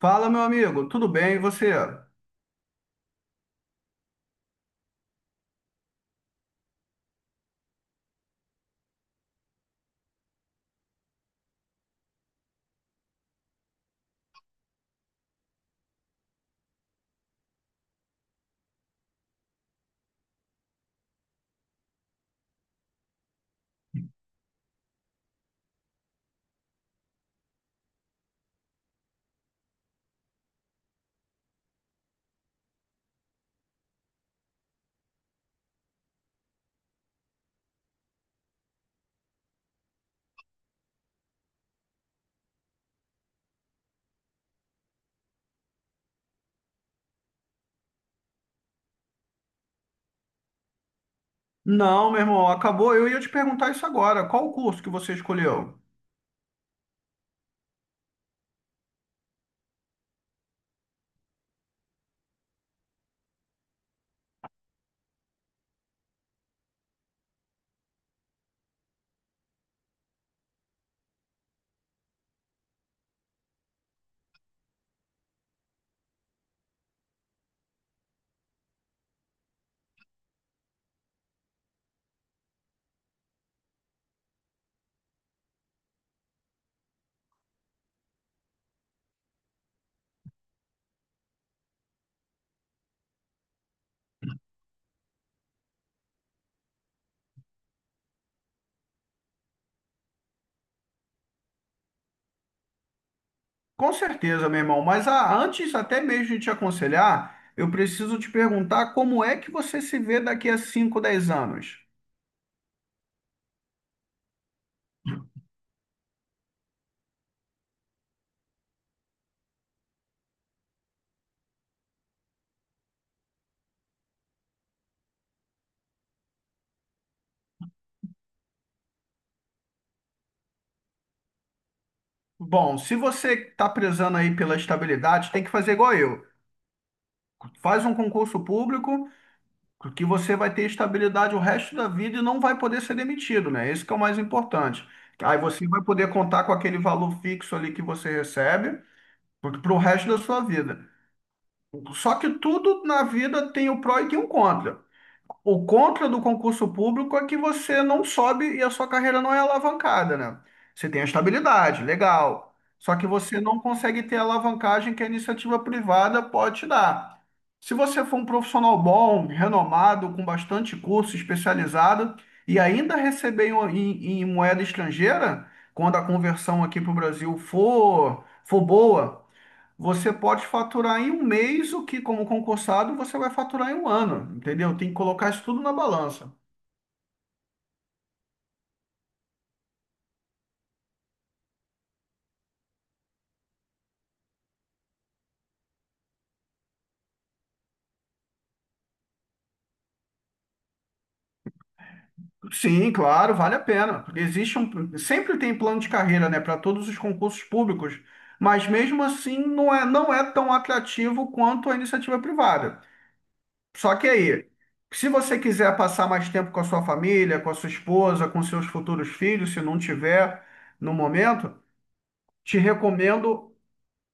Fala, meu amigo, tudo bem? E você? Não, meu irmão, acabou. Eu ia te perguntar isso agora. Qual o curso que você escolheu? Com certeza, meu irmão, mas antes até mesmo de te aconselhar, eu preciso te perguntar como é que você se vê daqui a 5, 10 anos. Bom, se você está prezando aí pela estabilidade, tem que fazer igual eu. Faz um concurso público, que você vai ter estabilidade o resto da vida e não vai poder ser demitido, né? Esse que é o mais importante. Aí você vai poder contar com aquele valor fixo ali que você recebe para o resto da sua vida. Só que tudo na vida tem o pró e tem o contra. O contra do concurso público é que você não sobe e a sua carreira não é alavancada, né? Você tem a estabilidade, legal. Só que você não consegue ter a alavancagem que a iniciativa privada pode te dar. Se você for um profissional bom, renomado, com bastante curso, especializado, e ainda receber em moeda estrangeira, quando a conversão aqui para o Brasil for boa, você pode faturar em um mês o que, como concursado, você vai faturar em um ano, entendeu? Tem que colocar isso tudo na balança. Sim, claro, vale a pena, porque existe um, sempre tem plano de carreira, né, para todos os concursos públicos, mas mesmo assim não é tão atrativo quanto a iniciativa privada. Só que aí, se você quiser passar mais tempo com a sua família, com a sua esposa, com seus futuros filhos, se não tiver no momento, te recomendo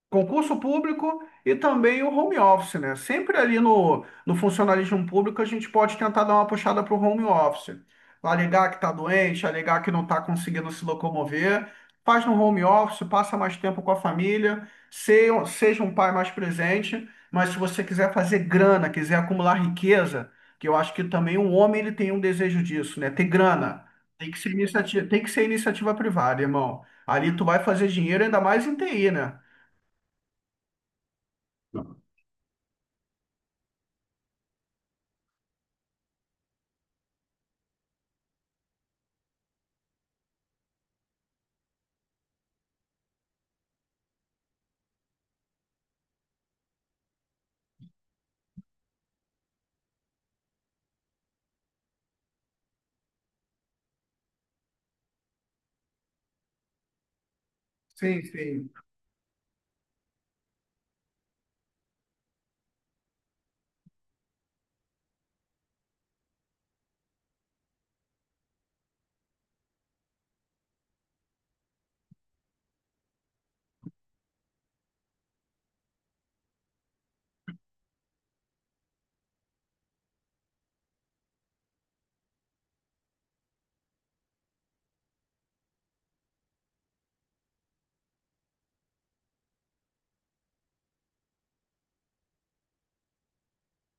concurso público e também o home office, né? Sempre ali no funcionalismo público a gente pode tentar dar uma puxada para o home office. Alegar que está doente, alegar que não está conseguindo se locomover. Faz no home office, passa mais tempo com a família, seja um pai mais presente. Mas se você quiser fazer grana, quiser acumular riqueza, que eu acho que também um homem ele tem um desejo disso, né? Ter grana. Tem que ser iniciativa, tem que ser iniciativa privada, irmão. Ali tu vai fazer dinheiro ainda mais em TI, né? Sim, sim.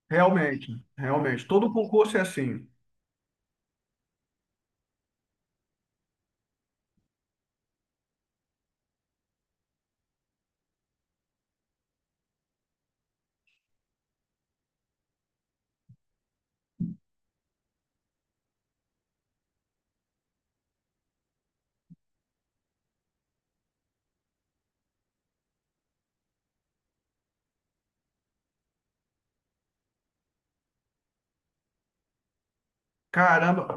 Realmente, realmente. Todo concurso é assim. Caramba,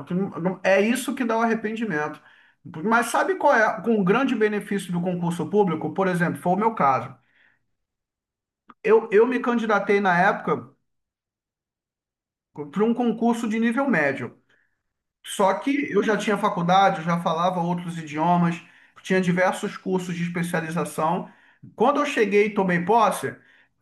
é isso que dá o arrependimento. Mas sabe qual é um grande benefício do concurso público? Por exemplo, foi o meu caso. Eu me candidatei na época para um concurso de nível médio. Só que eu já tinha faculdade, eu já falava outros idiomas, tinha diversos cursos de especialização. Quando eu cheguei e tomei posse,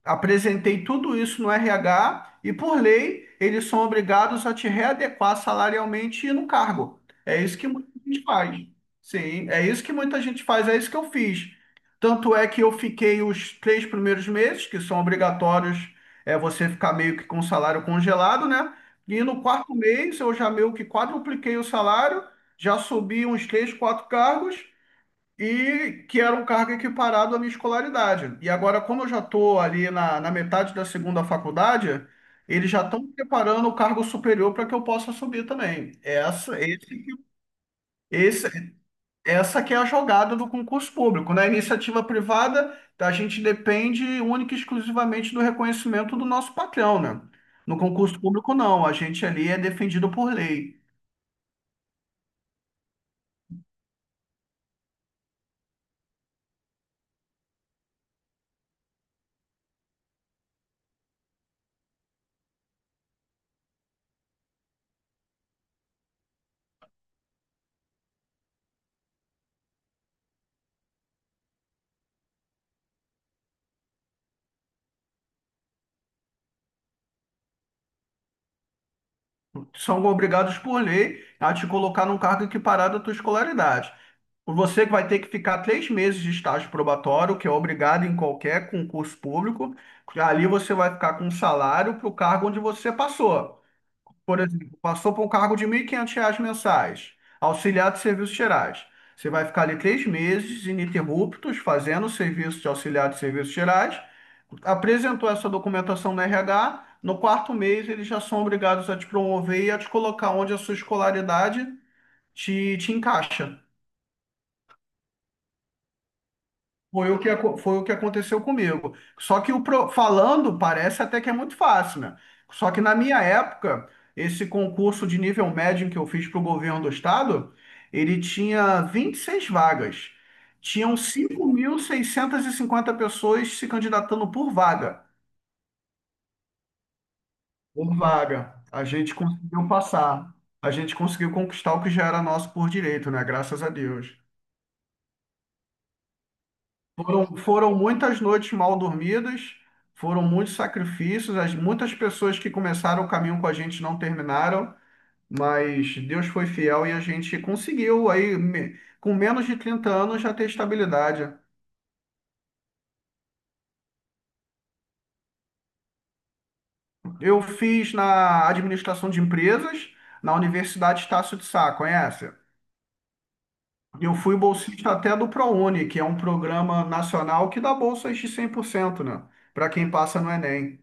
apresentei tudo isso no RH e, por lei, eles são obrigados a te readequar salarialmente no cargo. É isso que muita gente faz. Sim, é isso que muita gente faz, é isso que eu fiz. Tanto é que eu fiquei os 3 primeiros meses, que são obrigatórios, é você ficar meio que com o salário congelado, né? E no quarto mês eu já meio que quadrupliquei o salário, já subi uns três, quatro cargos, e que era um cargo equiparado à minha escolaridade. E agora, como eu já estou ali na, na metade da segunda faculdade, eles já estão preparando o cargo superior para que eu possa subir também. Essa, esse essa que é a jogada do concurso público. Na iniciativa privada, a gente depende única e exclusivamente do reconhecimento do nosso patrão, né? No concurso público, não. A gente ali é defendido por lei. São obrigados por lei a te colocar num cargo equiparado à tua escolaridade. Você que vai ter que ficar 3 meses de estágio probatório, que é obrigado em qualquer concurso público. Ali você vai ficar com um salário para o cargo onde você passou. Por exemplo, passou por um cargo de R$ 1.500 mensais, auxiliar de serviços gerais. Você vai ficar ali 3 meses ininterruptos fazendo o serviço de auxiliar de serviços gerais, apresentou essa documentação no RH, no quarto mês eles já são obrigados a te promover e a te colocar onde a sua escolaridade te, te encaixa. Foi o que aconteceu comigo. Só que falando parece até que é muito fácil, né? Só que na minha época, esse concurso de nível médio que eu fiz para o governo do estado, ele tinha 26 vagas. Tinham 5.650 pessoas se candidatando por vaga. Por vaga. A gente conseguiu passar. A gente conseguiu conquistar o que já era nosso por direito, né? Graças a Deus. Foram muitas noites mal dormidas, foram muitos sacrifícios, muitas pessoas que começaram o caminho com a gente não terminaram, mas Deus foi fiel e a gente conseguiu aí, com menos de 30 anos, já ter estabilidade. Eu fiz na administração de empresas, na Universidade Estácio de Sá, conhece? Eu fui bolsista até do ProUni, que é um programa nacional que dá bolsas de 100%, né? Para quem passa no Enem.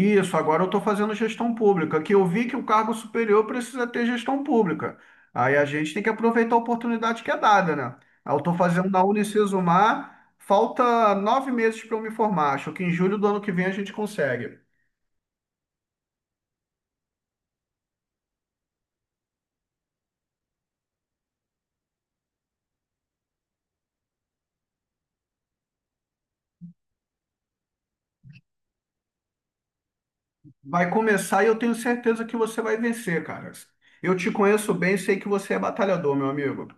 Isso, agora eu estou fazendo gestão pública, que eu vi que o cargo superior precisa ter gestão pública. Aí a gente tem que aproveitar a oportunidade que é dada, né? Aí eu estou fazendo na Unicesumar, falta 9 meses para eu me formar. Acho que em julho do ano que vem a gente consegue. Vai começar e eu tenho certeza que você vai vencer, cara. Eu te conheço bem, sei que você é batalhador, meu amigo.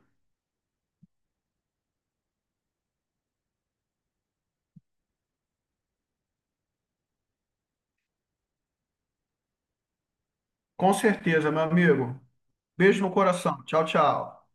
Com certeza, meu amigo. Beijo no coração. Tchau, tchau.